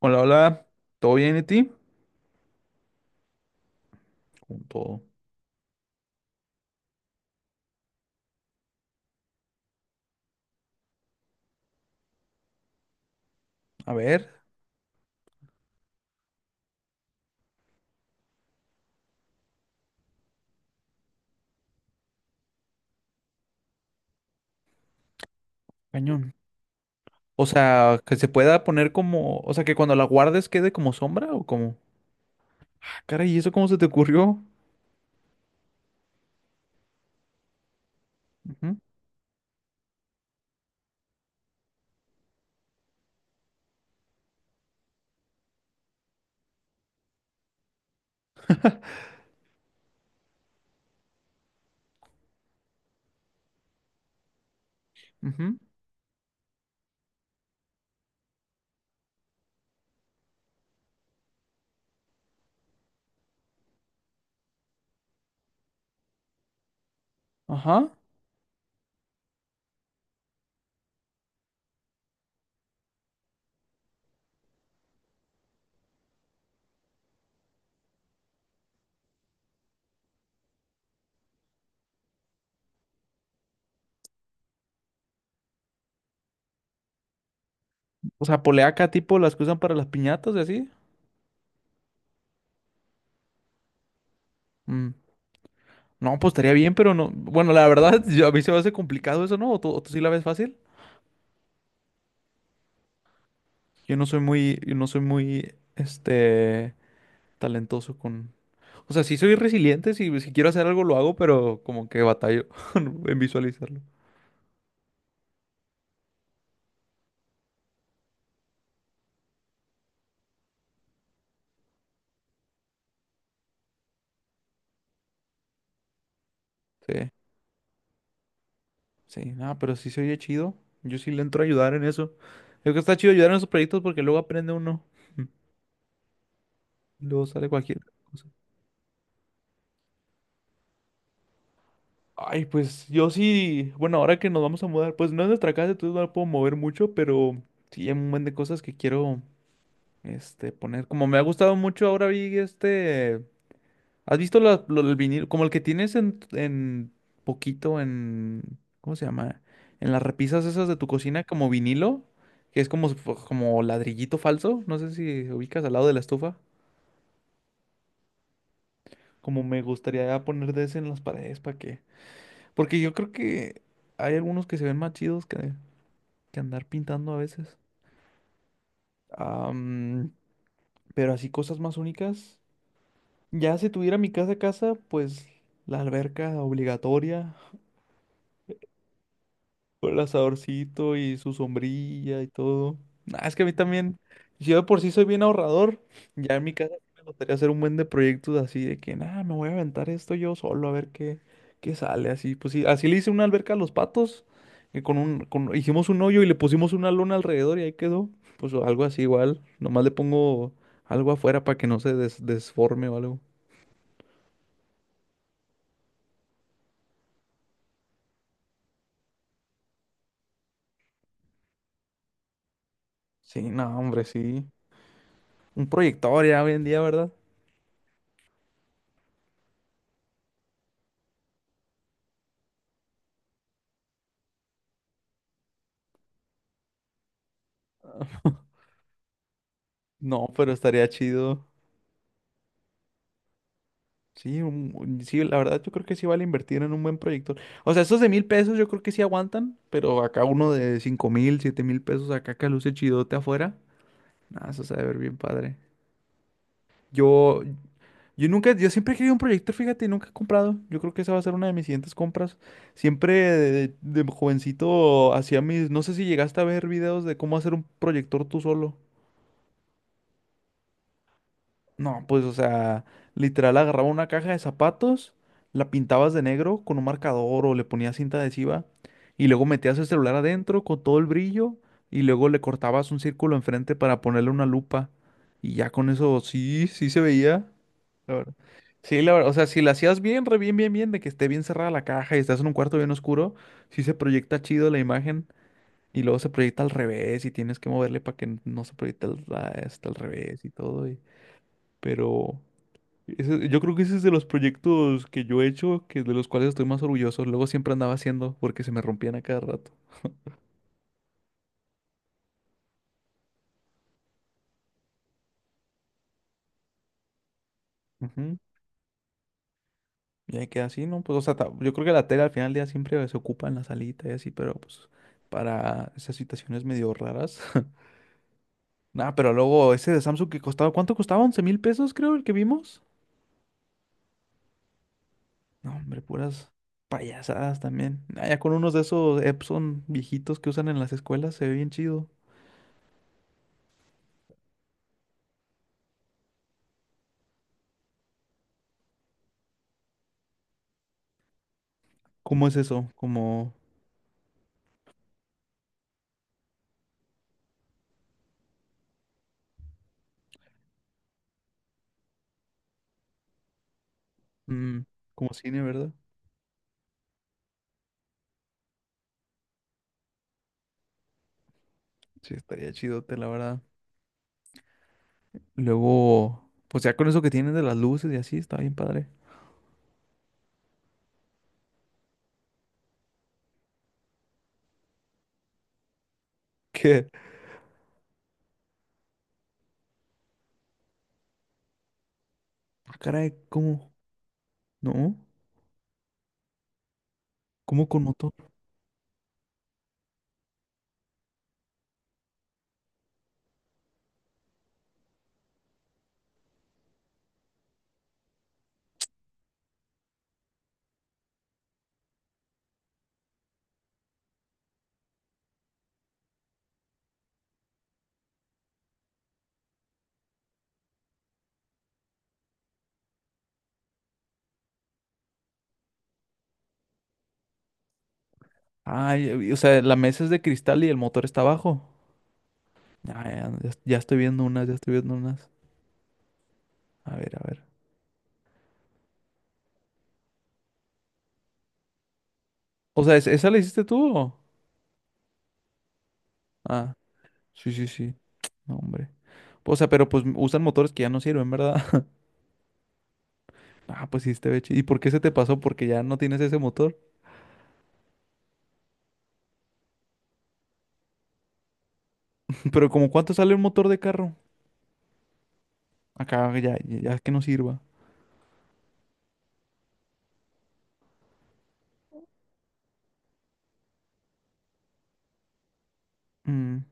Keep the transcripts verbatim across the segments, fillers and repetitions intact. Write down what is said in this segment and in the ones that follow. Hola, hola, ¿todo bien y ti? Con todo. A ver, cañón. O sea, que se pueda poner como, o sea, que cuando la guardes quede como sombra o como. Ah, caray, ¿y eso cómo se te ocurrió? Ujú, ujú. Ajá. O sea, poleaca tipo las que usan para las piñatas y así. Mm. No, pues estaría bien, pero no. Bueno, la verdad, yo- a mí se me hace complicado eso, ¿no? ¿O tú, o tú sí la ves fácil? Yo no soy muy, yo no soy muy, este, talentoso con. O sea, sí soy resiliente, si, si quiero hacer algo lo hago, pero como que batallo en visualizarlo. Sí, sí, nada, pero sí se oye chido. Yo sí le entro a ayudar en eso. Creo que está chido ayudar en esos proyectos porque luego aprende uno. Luego sale cualquier cosa. Ay, pues yo sí, bueno, ahora que nos vamos a mudar, pues no es nuestra casa, entonces no la puedo mover mucho, pero sí hay un montón de cosas que quiero, este, poner. Como me ha gustado mucho, ahora vi este ¿has visto la- lo- el vinil? Como el que tienes en, en poquito en... ¿Cómo se llama? En las repisas esas de tu cocina como vinilo, que es como, si fu- como ladrillito falso. No sé si ubicas al lado de la estufa. Como me gustaría poner de ese en las paredes para que... Porque yo creo que hay algunos que se ven más chidos que, que andar pintando a veces. Am, pero así cosas más únicas. Ya si tuviera mi casa a casa, pues la alberca obligatoria. Con el asadorcito y su sombrilla y todo. Nah, es que a mí también, si yo de por sí soy bien ahorrador, ya en mi casa sí me gustaría hacer un buen de proyectos así de que, nada, me voy a aventar esto yo solo a ver qué, qué sale. Así, pues sí, así le hice una alberca a los patos, y con un, con, hicimos un hoyo y le pusimos una lona alrededor y ahí quedó. Pues o algo así igual, nomás le pongo algo afuera para que no se des- desforme o algo. Sí, no, hombre, sí. Un proyector ya hoy en día, ¿verdad? No, pero estaría chido. Sí, un- un- sí, la verdad yo creo que sí vale invertir en un buen proyector. O sea, esos de mil pesos yo creo que sí aguantan, pero acá uno de cinco mil, siete mil pesos acá que luce chidote afuera. Nada, eso se debe ver bien padre. Yo, yo nunca, yo siempre he querido un proyector, fíjate, y nunca he comprado. Yo creo que esa va a ser una de mis siguientes compras. Siempre de, de jovencito hacía mis, no sé si llegaste a ver videos de cómo hacer un proyector tú solo. No, pues, o sea, literal agarraba una caja de zapatos, la pintabas de negro con un marcador o le ponías cinta adhesiva y luego metías el celular adentro con todo el brillo y luego le cortabas un círculo enfrente para ponerle una lupa y ya con eso sí, sí se veía, la verdad. Sí, la verdad, o sea, si la hacías bien, re bien, bien, bien, de que esté bien cerrada la caja y estás en un cuarto bien oscuro, sí se proyecta chido la imagen y luego se proyecta al revés y tienes que moverle para que no se proyecte al- hasta al revés y todo, y- pero... Ese- yo creo que ese es de los proyectos que yo he hecho, que de los cuales estoy más orgulloso. Luego siempre andaba haciendo porque se me rompían a cada rato. Ujú. Y ahí queda así, ¿no? Pues, o sea, ta- yo creo que la tela al final del día siempre se ocupa en la salita y así, pero pues para esas situaciones medio raras. Nah, pero luego ese de Samsung que costaba, ¿cuánto costaba? Once mil pesos, creo, el que vimos. No, hombre, puras payasadas también. Ah, ya con unos de esos Epson viejitos que usan en las escuelas se ve bien chido. ¿Cómo es eso? Como, mm, como cine, ¿verdad? Sí, estaría chidote, la verdad. Luego, pues ya con eso que tienen de las luces y así, está bien padre. ¿Qué? Ah, caray, ¿cómo? ¿No? ¿Cómo con motor? Ay, eh, o sea, la mesa es de cristal y el motor está abajo. Ah, ya, ya- ya estoy viendo unas, ya estoy viendo unas. A ver, a ver. O sea, ¿es- ¿esa la hiciste tú o? Ah, sí, sí, sí. No, hombre. O sea, pero pues usan motores que ya no sirven, ¿verdad? Ah, pues sí, este beche. ¿Y por qué se te pasó? Porque ya no tienes ese motor. Pero ¿como cuánto sale un motor de carro? Acá ya, ya ya que no sirva. Mm,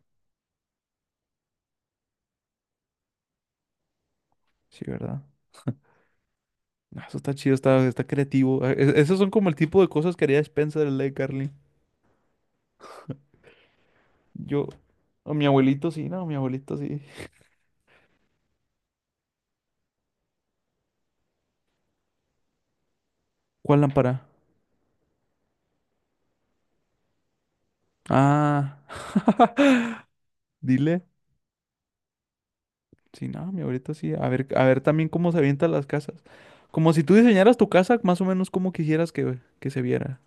sí, ¿verdad? Ah, eso está chido, está, está creativo. Eh, e- Esos son como el tipo de cosas que haría Spencer, el de Carly. Yo, a mi abuelito sí, no, mi abuelito sí. ¿Cuál lámpara? Ah, dile. Sí, no, mi abuelito sí. A ver, a ver también cómo se avientan las casas. Como si tú diseñaras tu casa, más o menos como quisieras que, que se viera.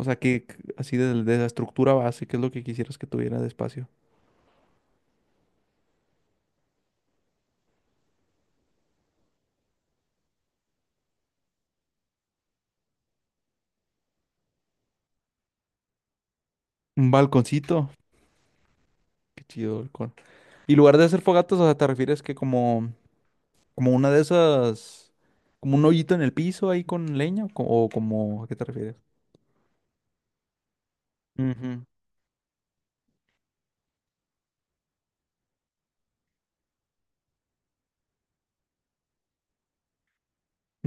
O sea, que que así de de la estructura base, que es lo que quisieras que tuviera de espacio. Un balconcito. Qué chido balcón. Y lugar de hacer fogatas, o sea, te refieres que como... Como una de esas, como un hoyito en el piso ahí con leña, o, co- o como, ¿a qué te refieres? Ujú.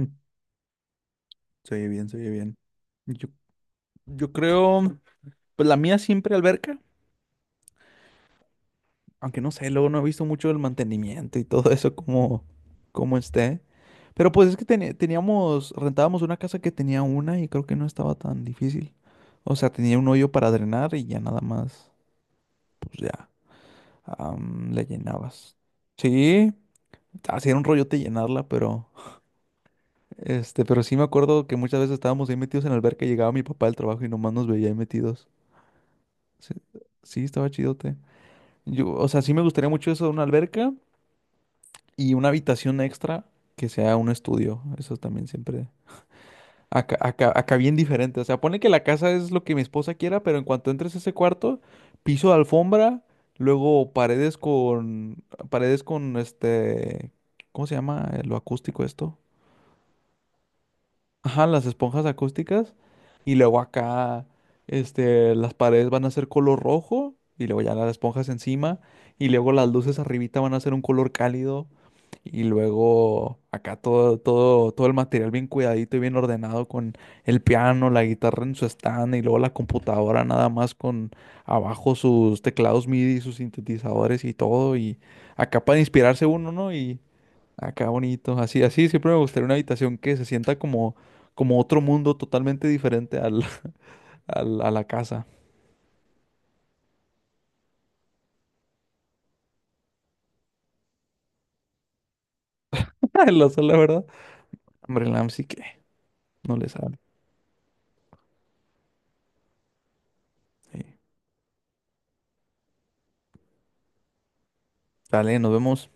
Mm, se oye bien, se oye bien. Yo, yo creo, pues la mía siempre alberca, aunque no sé, luego no he visto mucho el mantenimiento y todo eso como, como esté. Pero pues es que teni- teníamos, rentábamos una casa que tenía una y creo que no estaba tan difícil. O sea, tenía un hoyo para drenar y ya nada más, pues ya, am, le llenabas. Sí, hacía un rollote llenarla, pero... Este, pero sí me acuerdo que muchas veces estábamos ahí metidos en la alberca y llegaba mi papá del trabajo y nomás nos veía ahí metidos. Sí, sí, estaba chidote. Yo, o sea, sí me gustaría mucho eso de una alberca y una habitación extra que sea un estudio. Eso también siempre. Acá, acá, acá bien diferente. O sea, pone que la casa es lo que mi esposa quiera, pero en cuanto entres a ese cuarto, piso de alfombra, luego paredes con, paredes con este, ¿cómo se llama? Eh, lo acústico esto. Ajá, las esponjas acústicas. Y luego acá, este, las paredes van a ser color rojo. Y luego ya las esponjas encima. Y luego las luces arribita van a ser un color cálido. Y luego acá todo, todo, todo el material bien cuidadito y bien ordenado con el piano, la guitarra en su stand y luego la computadora nada más con abajo sus teclados M I D I, sus sintetizadores y todo. Y acá para inspirarse uno, ¿no? Y acá bonito, así, así siempre me gustaría una habitación que se sienta como, como otro mundo totalmente diferente al, al- a la casa. En la sala, ¿verdad? Hombre, el L A M P sí que no le sabe. Sí. Dale, nos vemos.